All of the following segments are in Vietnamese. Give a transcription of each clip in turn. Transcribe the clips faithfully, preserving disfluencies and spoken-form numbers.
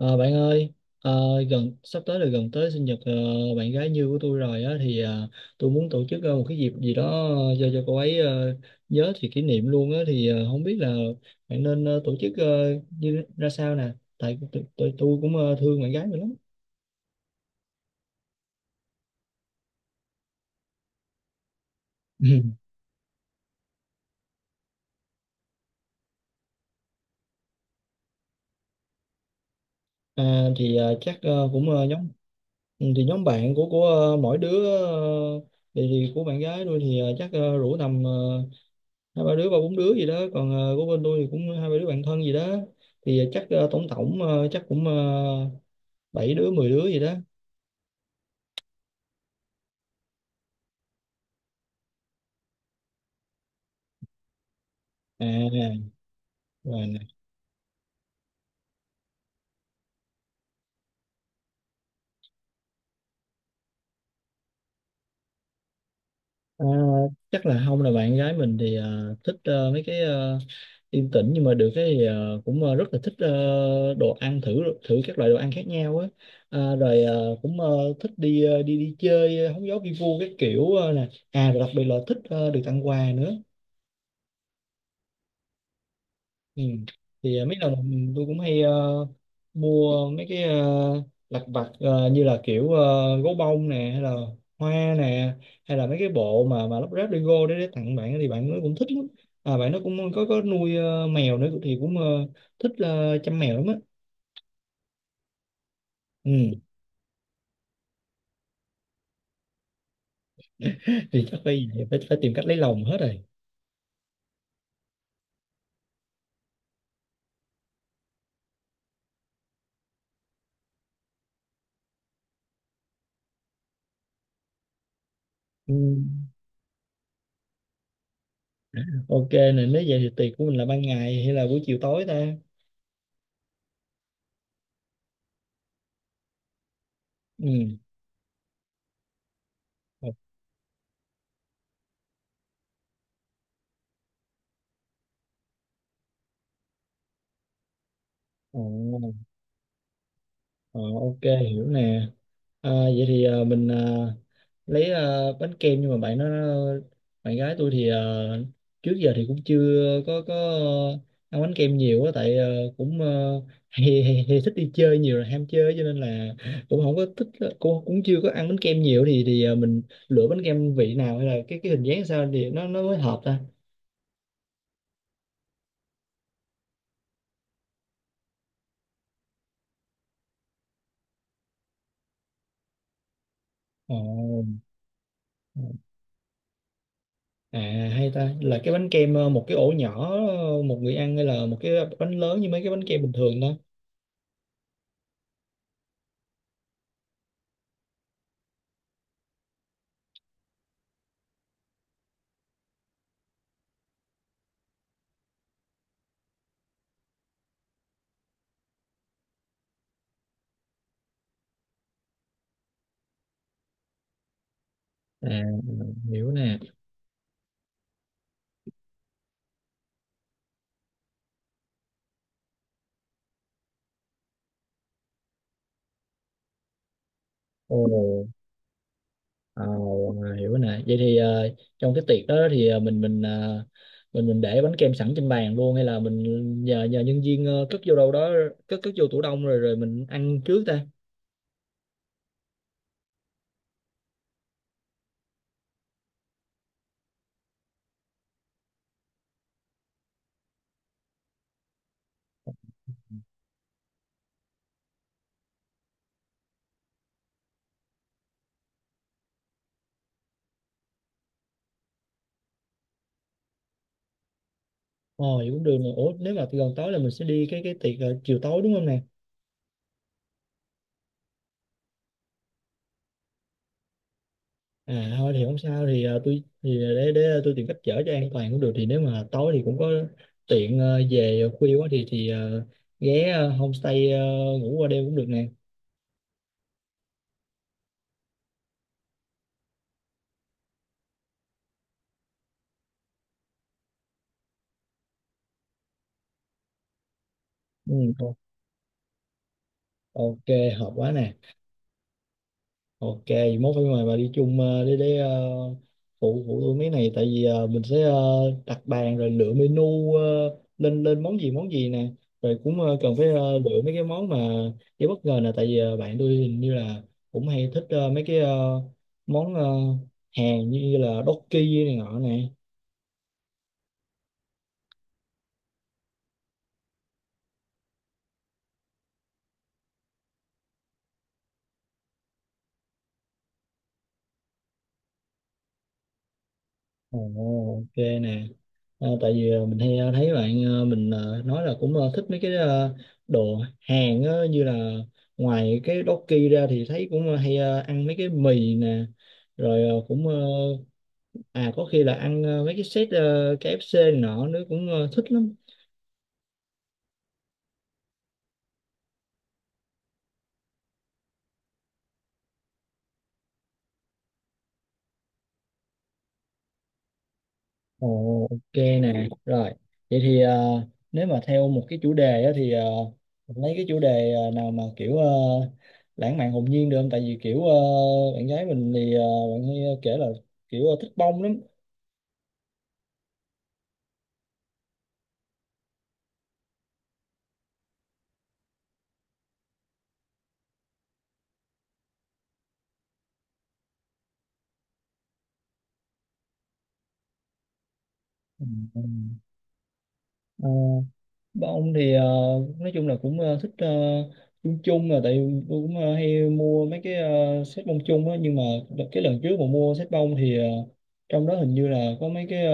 Ờ, bạn ơi, ờ, gần sắp tới là gần tới sinh nhật ờ, bạn gái như của tôi rồi á thì ờ, tôi muốn tổ chức ờ, một cái dịp gì đó ờ, cho cho cô ấy ờ, nhớ thì kỷ niệm luôn á thì ờ, không biết là bạn nên ờ, tổ chức ờ, như ra sao nè, tại tôi tôi, tôi cũng ờ, thương bạn gái mình lắm. À, thì ờ, chắc ờ, cũng ờ, nhóm ừ, thì nhóm bạn của của ờ, mỗi đứa ờ, thì, thì của bạn gái tôi thì ờ, chắc ờ, rủ tầm ờ, hai ba đứa ba bốn đứa gì đó còn ờ, của bên tôi thì cũng hai ba đứa bạn thân gì đó thì ờ, chắc ờ, tổng tổng ờ, chắc cũng ờ, bảy đứa mười đứa gì đó. À, rồi nè. À, chắc là không, là bạn gái mình thì ờ, thích ờ, mấy cái ờ, yên tĩnh, nhưng mà được cái thì ờ, cũng ờ, rất là thích ờ, đồ ăn thử thử các loại đồ ăn khác nhau á. À, rồi ờ, cũng ờ, thích đi ờ, đi đi chơi ờ, hóng gió vi vu các kiểu ờ, nè. À rồi đặc biệt là thích ờ, được tặng quà nữa. Ừ. Thì ờ, mấy lần tôi cũng hay ờ, mua mấy cái uh, lặt vặt ờ, như là kiểu ờ, gấu bông nè, hay là hoa nè, hay là mấy cái bộ mà mà lắp ráp Lego để, để tặng bạn thì bạn nó cũng thích lắm. À, bạn nó cũng có có nuôi ờ, mèo nữa thì cũng ờ, thích ờ, chăm mèo lắm á. Ừ. Thì chắc bây giờ phải, phải tìm cách lấy lòng hết rồi. Ừ. Ok nè, nếu vậy thì tiệc của mình là ban ngày hay là buổi chiều tối ta? Ừ. Ờ, ờ, ờ, ok, hiểu nè. À, vậy thì à, mình à, lấy à, bánh kem, nhưng mà bạn nó bạn gái tôi thì à, trước giờ thì cũng chưa có có ăn bánh kem nhiều á, tại à, cũng uh, hay, hay, hay thích đi chơi nhiều, là ham chơi cho nên là cũng không có thích, cũng cũng chưa có ăn bánh kem nhiều thì thì à, mình lựa bánh kem vị nào hay là cái cái hình dáng sao thì nó nó mới hợp ta. Ồ. À, hay ta là cái bánh kem ờ, một cái ổ nhỏ ờ, một người ăn, hay là một cái bánh lớn như mấy cái bánh kem bình thường đó. À, hiểu nè. Ồ, à, hiểu nè. Vậy thì ờ, trong cái tiệc đó thì ờ, mình mình ờ, mình mình để bánh kem sẵn trên bàn luôn hay là mình nhờ nhờ nhân viên ờ, cất vô đâu đó, cất cất vô tủ đông rồi rồi mình ăn trước ta. Ồ, vậy cũng được nè. Ủa, nếu mà gần tối là mình sẽ đi cái cái tiệc ờ, chiều tối đúng không nè? À thôi thì không sao, thì ờ, tôi thì để để tôi tìm cách chở cho an toàn cũng được, thì nếu mà tối thì cũng có tiện ờ, về khuya quá thì thì ờ, ghé ờ, homestay ờ, ngủ qua đêm cũng được nè. Ừ, o- ok, hợp quá nè. Ok, vậy mốt phải mời bà đi chung ờ, để để ờ, phụ phụ tôi mấy này, tại vì ờ, mình sẽ ờ, đặt bàn rồi lựa menu ờ, lên lên món gì món gì nè. Rồi cũng ờ, cần phải ờ, lựa mấy cái món mà cái bất ngờ nè, tại vì ờ, bạn tôi hình như là cũng hay thích ờ, mấy cái ờ, món ờ, Hàn như là Dokki này nọ nè. Ồ, ok nè. Ờ, tại vì ờ, mình hay ờ, thấy bạn ờ, mình ờ, nói là cũng ờ, thích mấy cái ờ, đồ Hàn á, như là ngoài cái Doki ra thì thấy cũng ờ, hay ờ, ăn mấy cái mì nè, rồi ờ, cũng ờ, à có khi là ăn ờ, mấy cái set ờ, ca ép xê này nọ nữa cũng ờ, thích lắm. Ồ, ok nè, rồi. Vậy thì ờ, nếu mà theo một cái chủ đề á, thì ờ, mình lấy cái chủ đề ờ, nào mà kiểu ờ, lãng mạn hồn nhiên được không? Tại vì kiểu ờ, bạn gái mình thì ờ, bạn hay ờ, kể là kiểu ờ, thích bông lắm. Ừ, ừ. Ờ, bông thì ờ, nói chung là cũng ờ, thích ờ, chung chung, là tại vì tôi cũng ờ, hay mua mấy cái ờ, set bông chung á, nhưng mà đợt- cái lần trước mà mua set bông thì ờ, trong đó hình như là có mấy cái ờ,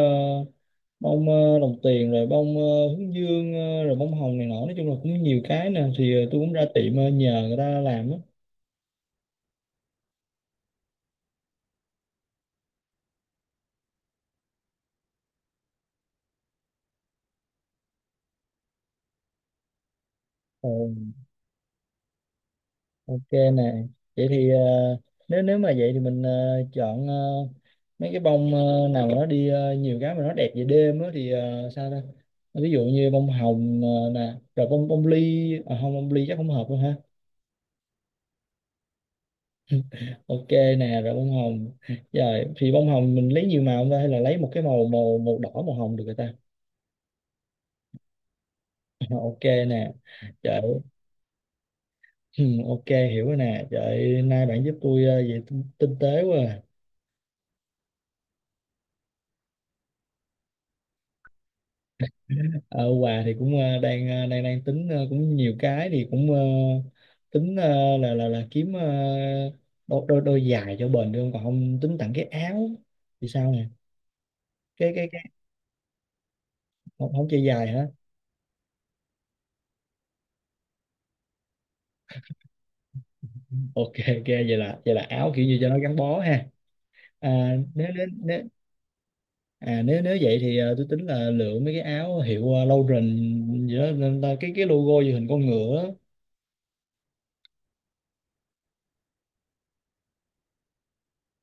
bông ờ, đồng tiền, rồi bông ờ, hướng dương ờ, rồi bông hồng này nọ, nói chung là cũng nhiều cái nè thì ờ, tôi cũng ra tiệm ờ, nhờ người ta làm á. Ừ, ok nè. Vậy thì ờ, nếu nếu mà vậy thì mình ờ, chọn ờ, mấy cái bông ờ, nào mà nó đi ờ, nhiều cái mà nó đẹp về đêm á thì ờ, sao ta, ví dụ như bông hồng ờ, nè, rồi bông bông ly, à, không, bông ly chắc không hợp đâu ha. Ok nè, rồi bông hồng, rồi thì bông hồng mình lấy nhiều màu không ta, hay là lấy một cái màu, màu màu đỏ màu hồng được rồi ta. Ok nè, trời. Ừ, ok, hiểu rồi nè, trời, nay bạn giúp tôi ờ, về tinh, tinh tế quá à. Ờ, quà thì cũng ờ, đang ờ, đang đang tính ờ, cũng nhiều cái thì cũng ờ, tính ờ, là là là kiếm ờ, đôi đôi đôi giày cho bền được không? Còn không tính tặng cái áo thì sao nè. Cái cái cái không, không chơi dài hả. Ok, ok, vậy là vậy là áo kiểu như cho nó gắn bó ha. À, nếu nếu nếu À nếu nếu vậy thì ờ, tôi tính là lựa mấy cái áo hiệu uh, Lauren gì đó, nên là cái cái logo gì hình con ngựa á.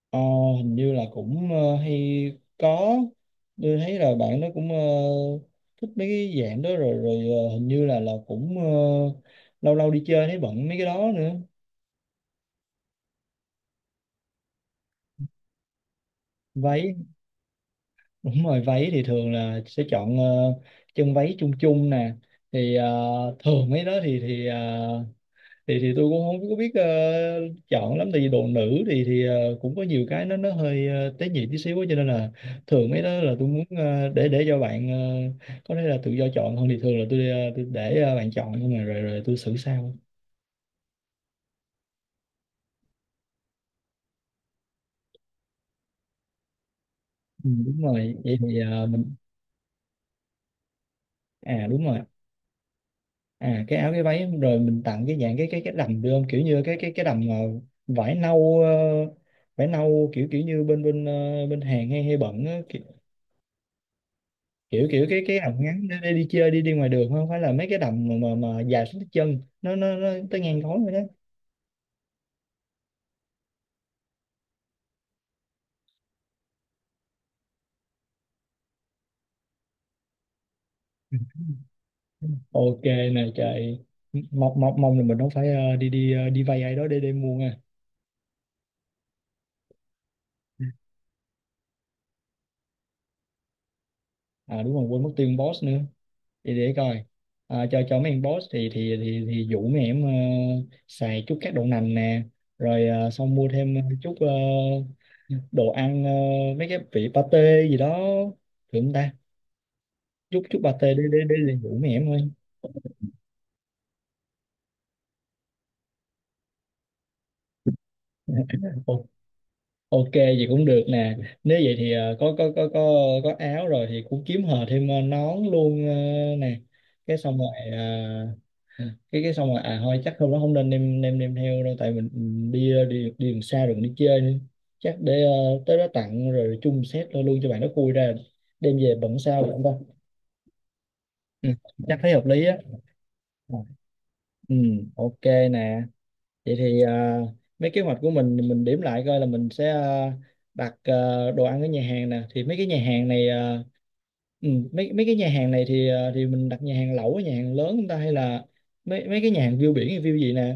Ờ, hình như là cũng ờ, hay có, tôi thấy là bạn nó cũng ờ, thích mấy cái dạng đó, rồi rồi ờ, hình như là là cũng ờ, lâu lâu đi chơi thấy bận mấy cái đó nữa. Váy, đúng rồi, váy thì thường là sẽ chọn ờ, chân váy chung chung nè, thì ờ, thường mấy đó thì thì ờ, thì thì tôi cũng không có biết ờ, chọn lắm, tại vì đồ nữ thì thì ờ, cũng có nhiều cái nó nó hơi ờ, tế nhị tí xíu á, cho nên là thường mấy đó là tôi muốn ờ, để để cho bạn ờ, có thể là tự do chọn hơn, thì thường là tôi, ờ, tôi để ờ, bạn chọn nhưng mà rồi rồi tôi xử sau. Ừ, đúng rồi, vậy thì ờ, mình à đúng rồi à cái áo cái váy rồi mình tặng cái dạng cái cái cái đầm được không, kiểu như cái cái cái đầm ờ, vải nâu, ờ, vải nâu kiểu kiểu như bên bên ờ, bên Hàn hay hay bận á, kiểu kiểu cái cái đầm ngắn để, để đi chơi đi đi ngoài đường, không phải là mấy cái đầm mà mà, mà dài xuống tới chân, nó nó nó tới ngang gối rồi đó. Ok này trời, mong mong mong là mình không phải ờ, đi đi ờ, đi vay ai đó để để mua nha. À đúng rồi, quên mất tiền boss nữa, để để coi. À, cho cho mấy em boss thì thì thì thì dụ mấy em ờ, xài chút các đậu nành nè, rồi ờ, xong mua thêm chút ờ, đồ ăn ờ, mấy cái vị pate gì đó thử không ta, chút chút pate để để để, để dụ mấy em thôi. Ok. Ok vậy cũng được nè. Nếu vậy thì ờ, có có có có có áo rồi thì cũng kiếm hờ thêm ờ, nón luôn ờ, nè. Cái xong rồi ờ, cái cái xong rồi, à thôi chắc hôm đó không nên đem đem đem theo đâu, tại mình mình đi ờ, đi đi đường xa đường đi chơi nữa. Chắc để ờ, tới đó tặng rồi chung set luôn luôn cho bạn nó khui ra đem về bận sao được không ta? Ừ, chắc thấy hợp lý á. Ừ, ok nè. Vậy thì à, mấy kế hoạch của mình mình điểm lại coi là mình sẽ à, đặt à, đồ ăn ở nhà hàng nè, thì mấy cái nhà hàng này à, ừ, mấy mấy cái nhà hàng này thì à, thì mình đặt nhà hàng lẩu, nhà hàng lớn chúng ta hay là mấy mấy cái nhà hàng view biển hay view gì nè.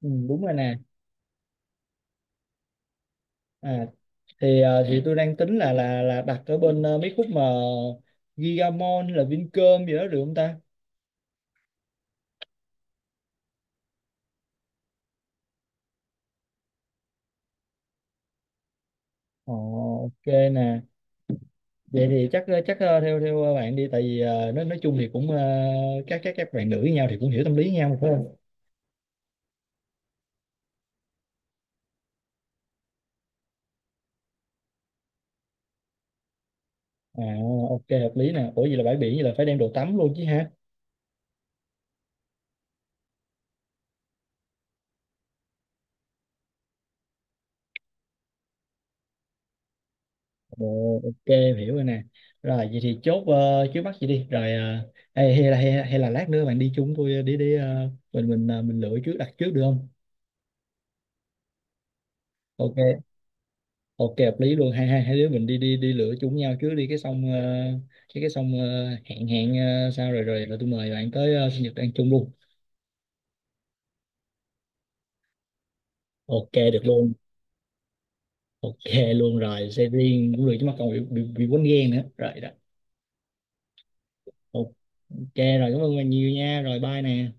Ừ, đúng rồi nè. À, thì à, thì tôi đang tính là là là đặt ở bên à, mấy khúc mà Gigamon là Vincom gì đó được không ta. Ồ, ok nè, vậy thì chắc ờ, chắc ờ, theo theo ờ, bạn đi, tại vì ờ, nói nói chung thì cũng ờ, các các các bạn nữ với nhau thì cũng hiểu tâm lý với nhau mà, phải không. À ok hợp lý nè, ủa vậy là bãi biển, vậy là phải đem đồ tắm luôn chứ ha. Ồ, ok em hiểu rồi nè. Rồi vậy thì chốt ờ, trước mắt vậy đi, rồi ờ, hay, hay là hay, hay là lát nữa bạn đi chung tôi ờ, đi đi ờ, mình mình ờ, mình lựa trước, đặt trước được không. Ok, ok hợp lý luôn, hai hai hai đứa mình đi đi đi lựa chung nhau trước đi, cái xong ờ, cái cái xong ờ, hẹn hẹn ờ, sao rồi rồi là tôi mời bạn tới ờ, sinh nhật ăn chung luôn. Ok được luôn. Ok luôn rồi, xe riêng cũng được chứ, mà còn bị bị, bị quýnh ghen nữa rồi đó. Ok rồi, cảm ơn bạn nhiều nha, rồi bye nè.